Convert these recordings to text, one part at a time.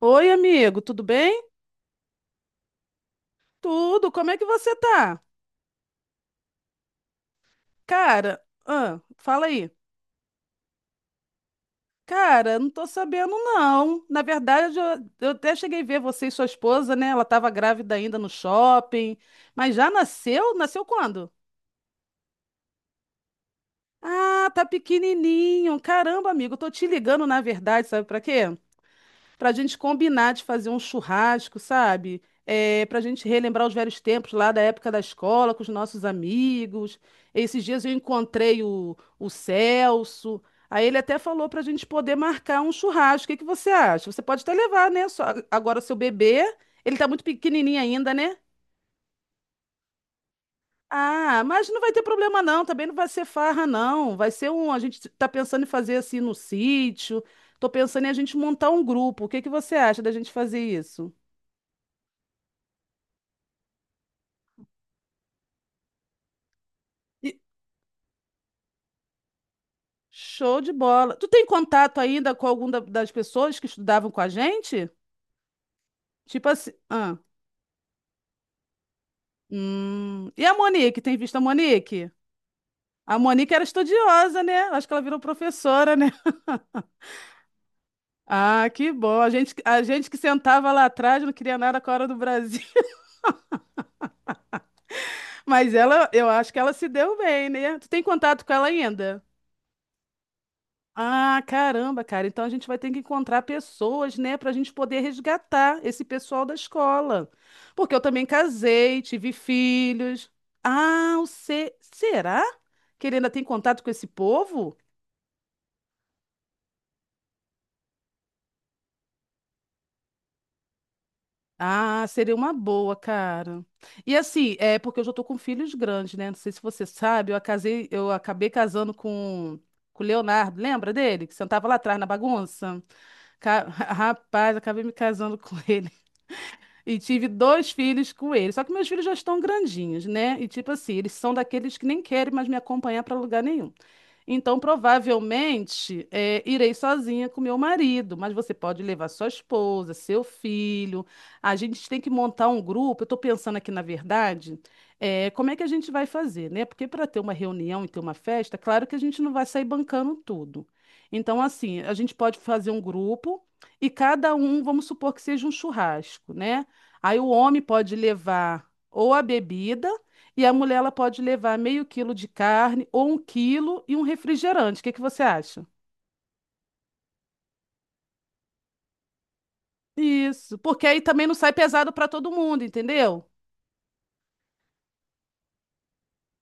Oi, amigo, tudo bem? Tudo, como é que você tá? Cara, ah, fala aí. Cara, não tô sabendo não. Na verdade, eu até cheguei a ver você e sua esposa, né? Ela tava grávida ainda no shopping, mas já nasceu? Nasceu quando? Ah, tá pequenininho. Caramba, amigo, eu tô te ligando na verdade, sabe pra quê? Para a gente combinar de fazer um churrasco, sabe? É, para a gente relembrar os velhos tempos lá da época da escola, com os nossos amigos. Esses dias eu encontrei o Celso. Aí ele até falou para a gente poder marcar um churrasco. O que que você acha? Você pode até levar, né? Só, agora seu bebê, ele tá muito pequenininho ainda, né? Ah, mas não vai ter problema não, também não vai ser farra não, vai ser um, a gente tá pensando em fazer assim no sítio, tô pensando em a gente montar um grupo, o que que você acha da gente fazer isso? Show de bola. Tu tem contato ainda com alguma das pessoas que estudavam com a gente? Tipo assim. Ah. E a Monique? Tem visto a Monique? A Monique era estudiosa, né? Acho que ela virou professora, né? Ah, que bom. A gente que sentava lá atrás não queria nada com a hora do Brasil. Mas ela, eu acho que ela se deu bem, né? Tu tem contato com ela ainda? Ah, caramba, cara. Então a gente vai ter que encontrar pessoas, né, para a gente poder resgatar esse pessoal da escola. Porque eu também casei, tive filhos. Ah, o se... será que ele ainda tem contato com esse povo? Ah, seria uma boa, cara. E assim, é porque eu já tô com filhos grandes, né? Não sei se você sabe, eu casei, eu acabei casando com o Leonardo, lembra dele? Que sentava lá atrás na bagunça? Rapaz, acabei me casando com ele. E tive dois filhos com ele. Só que meus filhos já estão grandinhos, né? E tipo assim, eles são daqueles que nem querem mais me acompanhar para lugar nenhum. Então, provavelmente, é, irei sozinha com meu marido, mas você pode levar sua esposa, seu filho. A gente tem que montar um grupo. Eu estou pensando aqui, na verdade, é, como é que a gente vai fazer, né? Porque para ter uma reunião e ter uma festa, claro que a gente não vai sair bancando tudo. Então, assim, a gente pode fazer um grupo e cada um, vamos supor que seja um churrasco, né? Aí o homem pode levar ou a bebida. E a mulher ela pode levar meio quilo de carne ou um quilo e um refrigerante. O que que você acha? Isso, porque aí também não sai pesado para todo mundo, entendeu?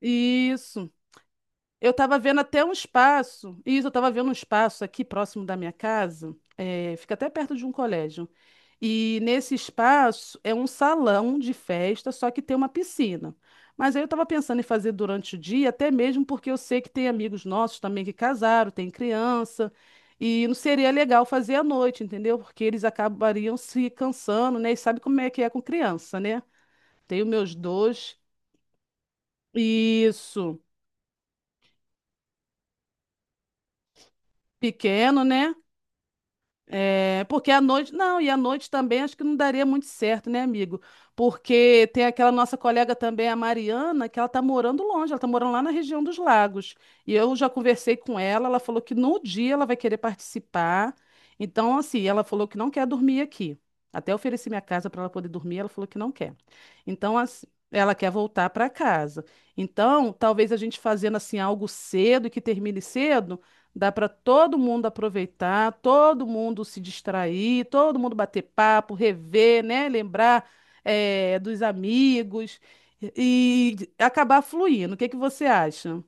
Isso. Eu estava vendo até um espaço, isso, eu estava vendo um espaço aqui próximo da minha casa, fica até perto de um colégio. E nesse espaço é um salão de festa, só que tem uma piscina. Mas aí eu estava pensando em fazer durante o dia, até mesmo porque eu sei que tem amigos nossos também que casaram, tem criança, e não seria legal fazer à noite, entendeu? Porque eles acabariam se cansando, né? E sabe como é que é com criança, né? Tenho meus dois, isso, pequeno, né? É, porque à noite, não, e à noite também acho que não daria muito certo, né, amigo? Porque tem aquela nossa colega também, a Mariana, que ela tá morando longe, ela tá morando lá na região dos Lagos. E eu já conversei com ela, ela falou que no dia ela vai querer participar. Então, assim, ela falou que não quer dormir aqui. Até ofereci minha casa para ela poder dormir, ela falou que não quer. Então, assim, ela quer voltar para casa. Então, talvez a gente fazendo assim algo cedo e que termine cedo. Dá para todo mundo aproveitar, todo mundo se distrair, todo mundo bater papo, rever, né? Lembrar, dos amigos e acabar fluindo. O que que você acha?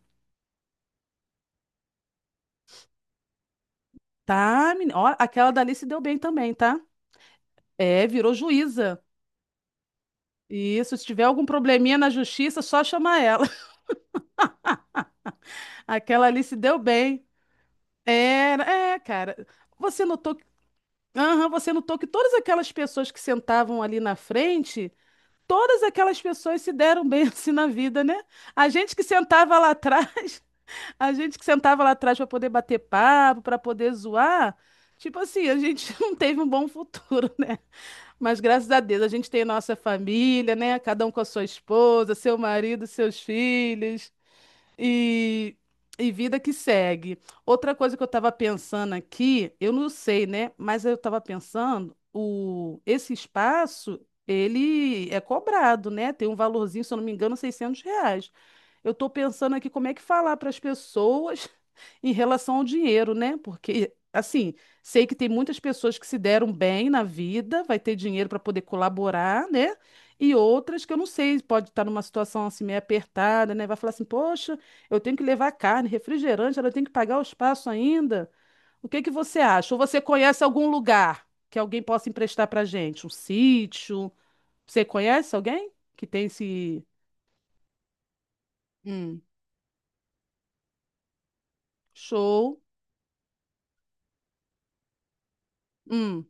Tá, menina. Ó, aquela dali se deu bem também, tá? É, virou juíza. Isso, se tiver algum probleminha na justiça, só chamar ela. Aquela ali se deu bem. Era, é, cara. Você notou que, aham, você notou que todas aquelas pessoas que sentavam ali na frente. Todas aquelas pessoas se deram bem assim na vida, né? A gente que sentava lá atrás, a gente que sentava lá atrás para poder bater papo, para poder zoar, tipo assim, a gente não teve um bom futuro, né? Mas graças a Deus a gente tem nossa família, né? Cada um com a sua esposa, seu marido, seus filhos. E, e vida que segue. Outra coisa que eu estava pensando aqui, eu não sei, né? Mas eu estava pensando, o, esse espaço, ele é cobrado, né? Tem um valorzinho, se eu não me engano, R$ 600. Eu estou pensando aqui como é que falar para as pessoas em relação ao dinheiro, né? Porque, assim, sei que tem muitas pessoas que se deram bem na vida, vai ter dinheiro para poder colaborar, né? E outras que eu não sei, pode estar numa situação assim meio apertada, né? Vai falar assim: "Poxa, eu tenho que levar carne, refrigerante, ela tem que pagar o espaço ainda". O que que você acha? Ou você conhece algum lugar que alguém possa emprestar pra gente? Um sítio? Você conhece alguém que tem esse Hum, show? Hum.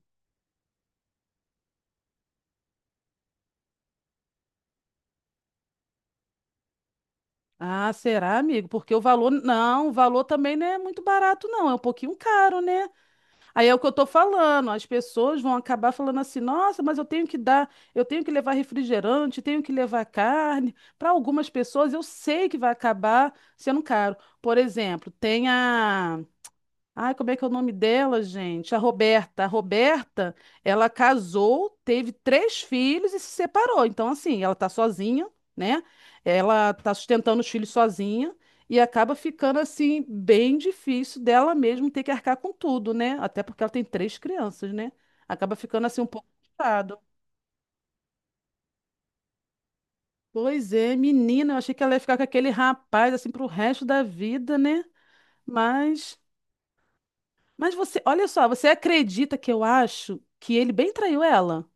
Ah, será, amigo? Porque o valor, não, o valor também não é muito barato, não, é um pouquinho caro, né? Aí é o que eu tô falando, as pessoas vão acabar falando assim, nossa, mas eu tenho que dar, eu tenho que levar refrigerante, tenho que levar carne. Para algumas pessoas eu sei que vai acabar sendo caro. Por exemplo, tem a Ai, como é que é o nome dela, gente? A Roberta. A Roberta, ela casou, teve três filhos e se separou. Então, assim, ela tá sozinha, né? Ela tá sustentando os filhos sozinha e acaba ficando, assim, bem difícil dela mesmo ter que arcar com tudo, né? Até porque ela tem três crianças, né? Acaba ficando, assim, um pouco complicado. Pois é, menina, eu achei que ela ia ficar com aquele rapaz, assim, pro resto da vida, né? Mas Mas você, olha só, você acredita que eu acho que ele bem traiu ela?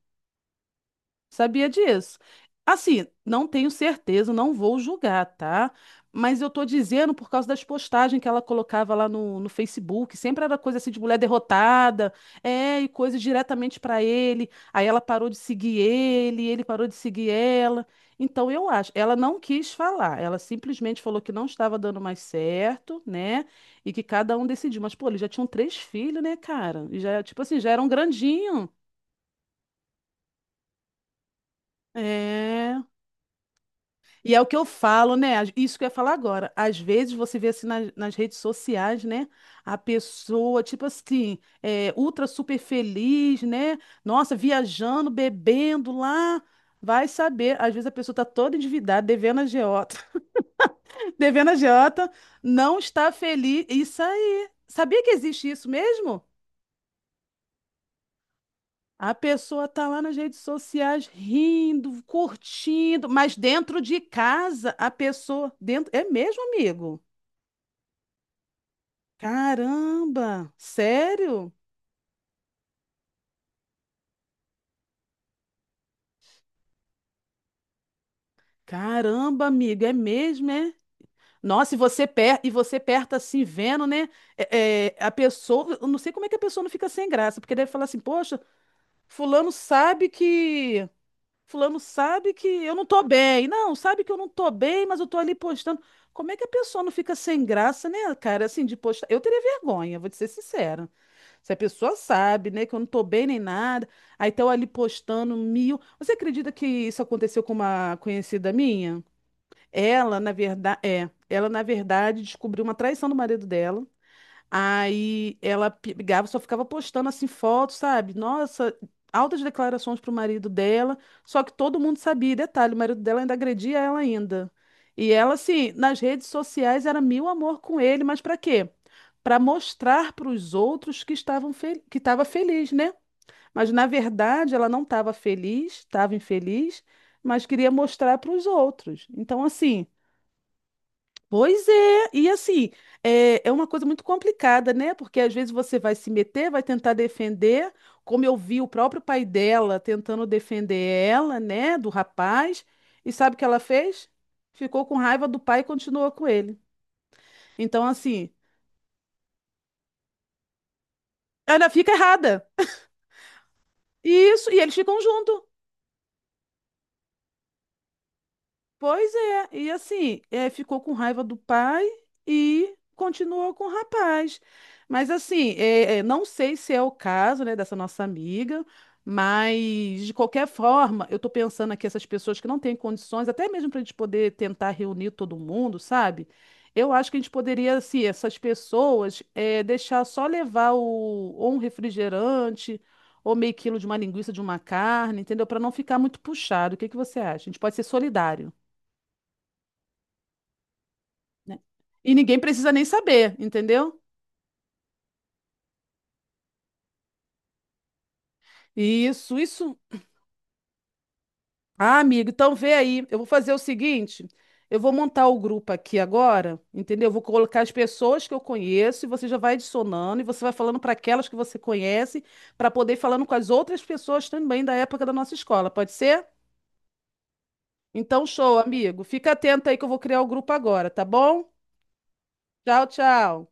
Sabia disso? Assim, não tenho certeza, não vou julgar, tá? Mas eu tô dizendo por causa das postagens que ela colocava lá no Facebook, sempre era coisa assim de mulher derrotada, é, e coisas diretamente pra ele. Aí ela parou de seguir ele, ele parou de seguir ela. Então eu acho, ela não quis falar, ela simplesmente falou que não estava dando mais certo, né? E que cada um decidiu. Mas, pô, eles já tinham três filhos, né, cara? E já, tipo assim, já eram grandinhos. É. E é o que eu falo, né? Isso que eu ia falar agora. Às vezes você vê assim nas redes sociais, né? A pessoa, tipo assim, é, ultra super feliz, né? Nossa, viajando, bebendo lá. Vai saber. Às vezes a pessoa tá toda endividada, devendo a agiota. Devendo a agiota, não está feliz. Isso aí. Sabia que existe isso mesmo? A pessoa tá lá nas redes sociais rindo, curtindo, mas dentro de casa, a pessoa dentro é mesmo, amigo? Caramba! Sério? Caramba, amigo, é mesmo, é? Nossa, e você, e você perto assim, vendo, né? É, é, a pessoa. Eu não sei como é que a pessoa não fica sem graça, porque deve falar assim, poxa, fulano sabe que. Fulano sabe que eu não tô bem. Não, sabe que eu não tô bem, mas eu tô ali postando. Como é que a pessoa não fica sem graça, né, cara? Assim, de postar. Eu teria vergonha, vou te ser sincera. Se a pessoa sabe, né, que eu não tô bem nem nada, aí estão ali postando mil. Você acredita que isso aconteceu com uma conhecida minha? Ela, na verdade, é, ela na verdade descobriu uma traição do marido dela. Aí ela pegava, só ficava postando assim fotos, sabe? Nossa, altas declarações pro marido dela, só que todo mundo sabia. E detalhe, o marido dela ainda agredia ela ainda. E ela assim, nas redes sociais era mil amor com ele, mas pra quê? Pra mostrar pros outros que estavam fel que estava feliz, né? Mas na verdade ela não estava feliz, estava infeliz, mas queria mostrar para os outros. Então assim, pois é, e assim, é, é uma coisa muito complicada, né? Porque às vezes você vai se meter, vai tentar defender, como eu vi o próprio pai dela tentando defender ela, né, do rapaz, e sabe o que ela fez? Ficou com raiva do pai e continuou com ele. Então, assim, ela fica errada. Isso, e eles ficam juntos. Pois é, e assim, é, ficou com raiva do pai e continuou com o rapaz. Mas assim, é, é, não sei se é o caso, né, dessa nossa amiga, mas de qualquer forma, eu tô pensando aqui essas pessoas que não têm condições, até mesmo para a gente poder tentar reunir todo mundo, sabe? Eu acho que a gente poderia, assim, essas pessoas é, deixar só levar o, ou um refrigerante ou meio quilo de uma linguiça, de uma carne, entendeu? Para não ficar muito puxado. O que que você acha? A gente pode ser solidário né? E ninguém precisa nem saber, entendeu? Isso, isso. Ah, amigo, então vê aí. Eu vou fazer o seguinte: eu vou montar o grupo aqui agora, entendeu? Eu vou colocar as pessoas que eu conheço e você já vai adicionando e você vai falando para aquelas que você conhece, para poder ir falando com as outras pessoas também da época da nossa escola, pode ser? Então, show, amigo. Fica atento aí que eu vou criar o grupo agora, tá bom? Tchau, tchau.